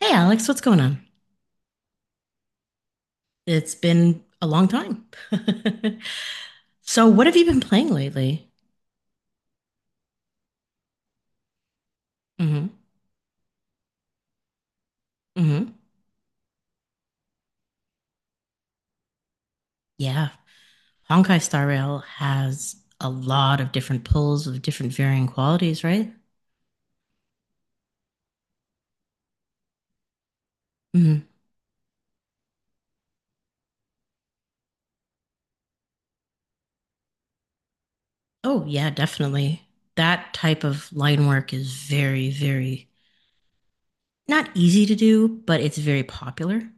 Hey, Alex, what's going on? It's been a long time. So, what have you been playing lately? Hmm hmm Yeah. Honkai Star Rail has a lot of different pulls of different varying qualities, right? hmm Oh, yeah, definitely. That type of line work is very, very not easy to do, but it's very popular.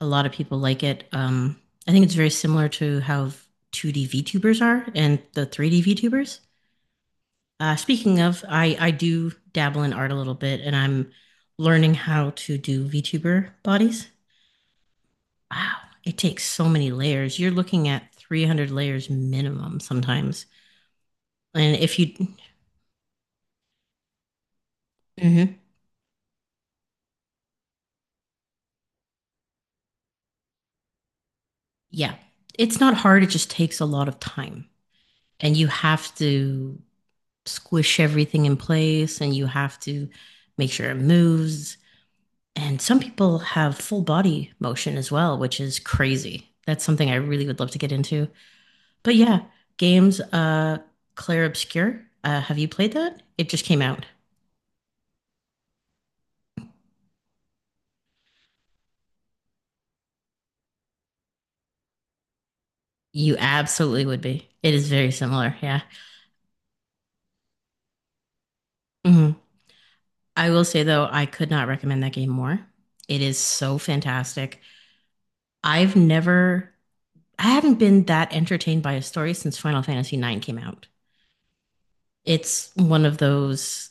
A lot of people like it. I think it's very similar to how 2D VTubers are and the 3D VTubers. Speaking of, I do dabble in art a little bit, and I'm learning how to do VTuber bodies. Wow, it takes so many layers. You're looking at 300 layers minimum sometimes. And if you, Mhm. Yeah, it's not hard. It just takes a lot of time, and you have to squish everything in place, and you have to make sure it moves. And some people have full body motion as well, which is crazy. That's something I really would love to get into. But yeah, games Clair Obscur. Uh, have you played that? It just came out. You absolutely would be. It is very similar, yeah. Mhm. I will say though, I could not recommend that game more. It is so fantastic. I've never I haven't been that entertained by a story since Final Fantasy IX came out. It's one of those,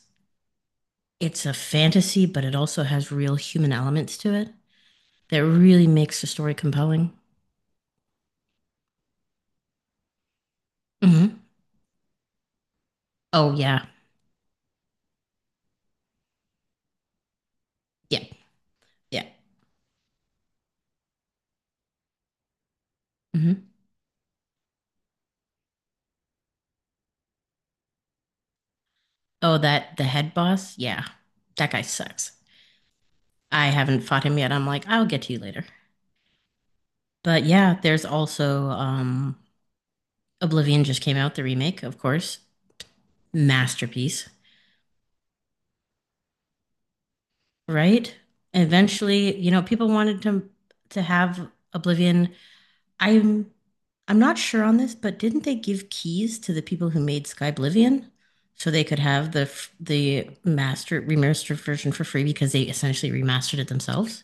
it's a fantasy, but it also has real human elements to it that really makes the story compelling. Hmm Oh yeah. Yeah. Yeah. Mhm. Oh, that the head boss? Yeah. That guy sucks. I haven't fought him yet. I'm like, I'll get to you later. But yeah, there's also Oblivion just came out, the remake, of course. Masterpiece, right? Eventually, you know, people wanted to have Oblivion. I'm I'm not sure on this, but didn't they give keys to the people who made Skyblivion so they could have the the master remastered version for free because they essentially remastered it themselves?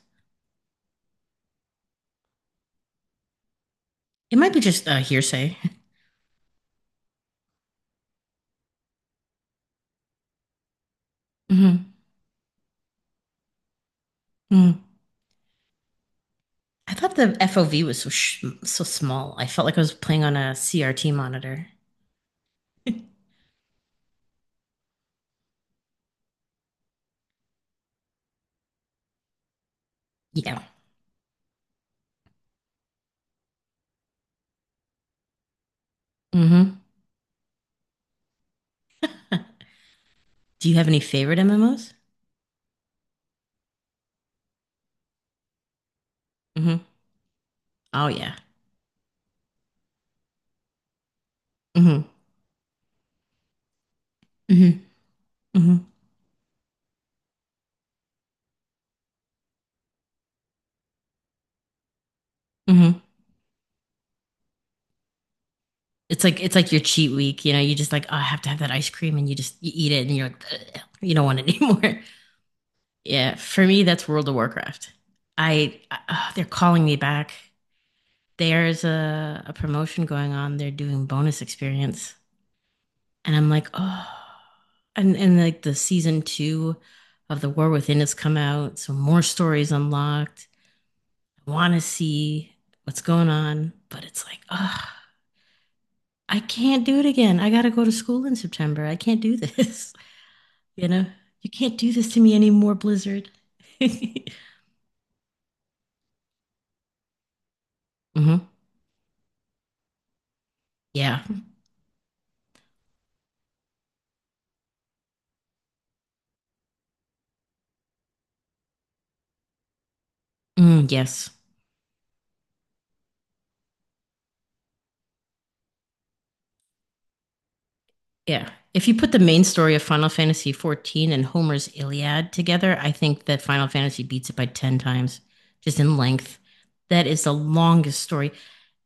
It might be just hearsay. Mhm. Mm. I thought the FOV was so so small. I felt like I was playing on a CRT monitor. Yeah. hmm Do you have any favorite MMOs? Mm-hmm. Oh yeah. hmm hmm hmm hmm it's like your cheat week. You know, you just like, oh, I have to have that ice cream, and you just you eat it, and you're like, "Ugh, you don't want it anymore." Yeah. For me, that's World of Warcraft. I oh, they're calling me back. There's a promotion going on. They're doing bonus experience and I'm like, oh, and like the season two of The War Within has come out, so more stories unlocked. I want to see what's going on, but it's like, oh, I can't do it again. I got to go to school in September. I can't do this. You know, you can't do this to me anymore, Blizzard. hmm Yeah. Mm, yes. Yeah. If you put the main story of Final Fantasy 14 and Homer's Iliad together, I think that Final Fantasy beats it by 10 times, just in length. That is the longest story.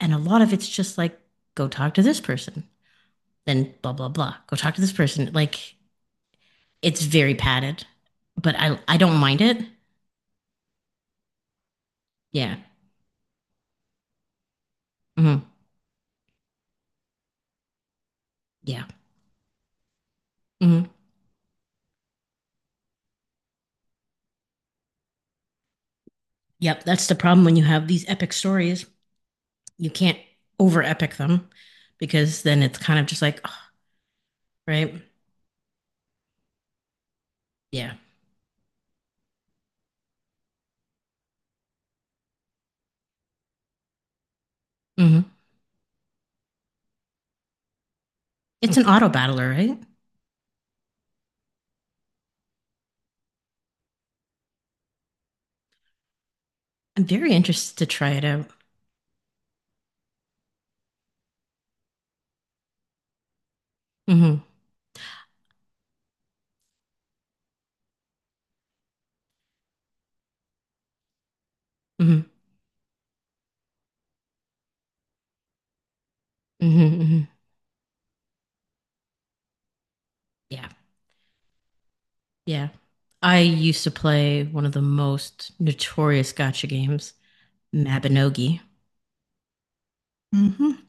And a lot of it's just like, go talk to this person, then blah, blah, blah. Go talk to this person. Like, it's very padded, but I don't mind it. Yeah. hmm Yeah. hmm Yep. That's the problem when you have these epic stories. You can't over epic them because then it's kind of just like, oh, right? Yeah. hmm It's an auto battler, right? I'm very interested to try it out. Mm-hmm, mm-hmm, mm-hmm. hmm Yeah, yeah. I used to play one of the most notorious gotcha games, Mabinogi. Mm-hmm.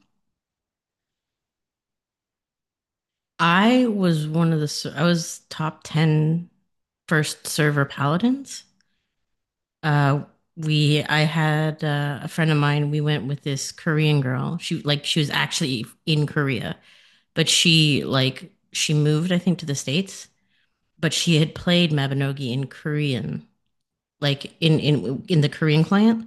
I was one of the I was top 10 first server paladins. Uh, we I had a friend of mine, we went with this Korean girl. She like she was actually in Korea, but she like she moved I think to the states, but she had played Mabinogi in Korean, like in the Korean client,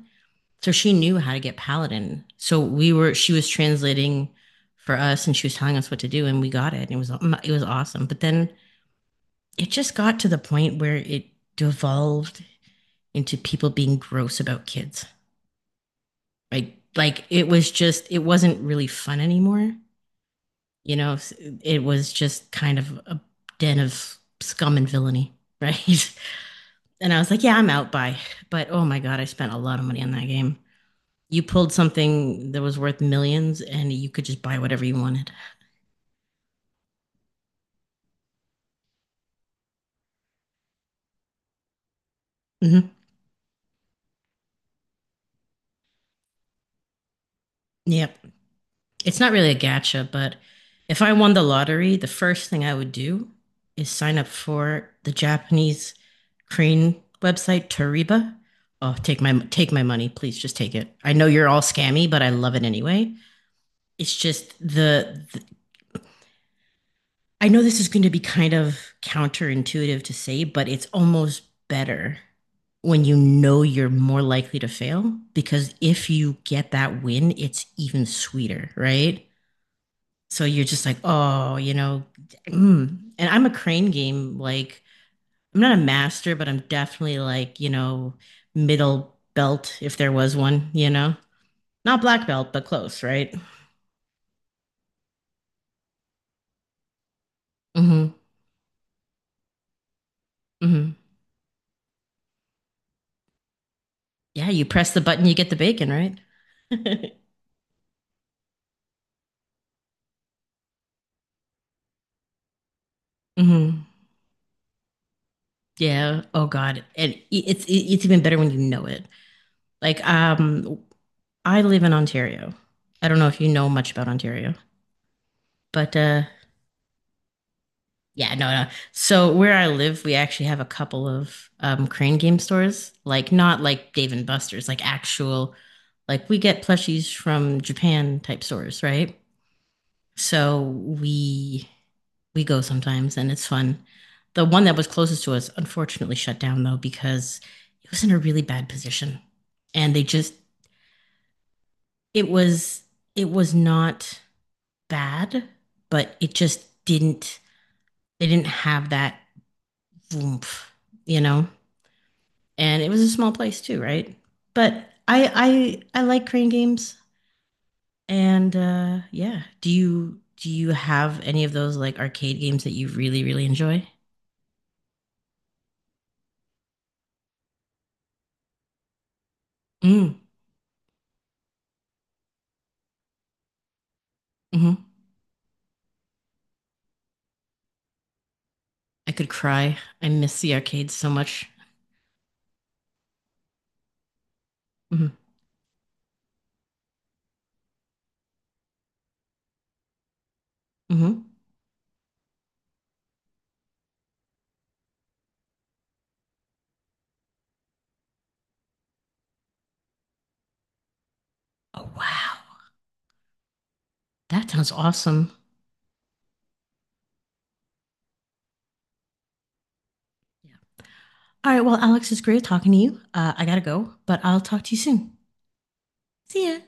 so she knew how to get Paladin. So we were she was translating for us, and she was telling us what to do, and we got it. And it was awesome. But then it just got to the point where it devolved into people being gross about kids. Like it was just it wasn't really fun anymore. You know, it was just kind of a den of scum and villainy, right? And I was like, yeah, I'm out by. But oh my God, I spent a lot of money on that game. You pulled something that was worth millions and you could just buy whatever you wanted. Mm-hmm. Yep. It's not really a gacha, but if I won the lottery, the first thing I would do is sign up for the Japanese crane website, Toriba. Oh, take my money, please. Just take it. I know you're all scammy, but I love it anyway. It's just the, I know this is going to be kind of counterintuitive to say, but it's almost better when you know you're more likely to fail because if you get that win, it's even sweeter, right? So you're just like, oh, you know, mm, and I'm a crane game. Like, I'm not a master, but I'm definitely like, you know, middle belt if there was one, you know, not black belt, but close, right? Mm-hmm. Mm-hmm. Yeah, you press the button, you get the bacon, right? Mm-hmm. Yeah. Oh God. And it's even better when you know it. Like, I live in Ontario. I don't know if you know much about Ontario, but yeah, no, no. So where I live, we actually have a couple of crane game stores. Like, not like Dave and Buster's, like actual, like we get plushies from Japan type stores, right? So we go sometimes and it's fun. The one that was closest to us unfortunately shut down though because it was in a really bad position. And they just it was it was not bad, but it just didn't they didn't have that oomph, you know? And it was a small place too, right? But I like crane games and yeah, do you have any of those like arcade games that you really really enjoy? Mm. hmm I could cry. I miss the arcade so much. Hmm hmm Oh, wow. That sounds awesome. Yeah. All right. Well, Alex, it's great talking to you. I got to go, but I'll talk to you soon. See ya.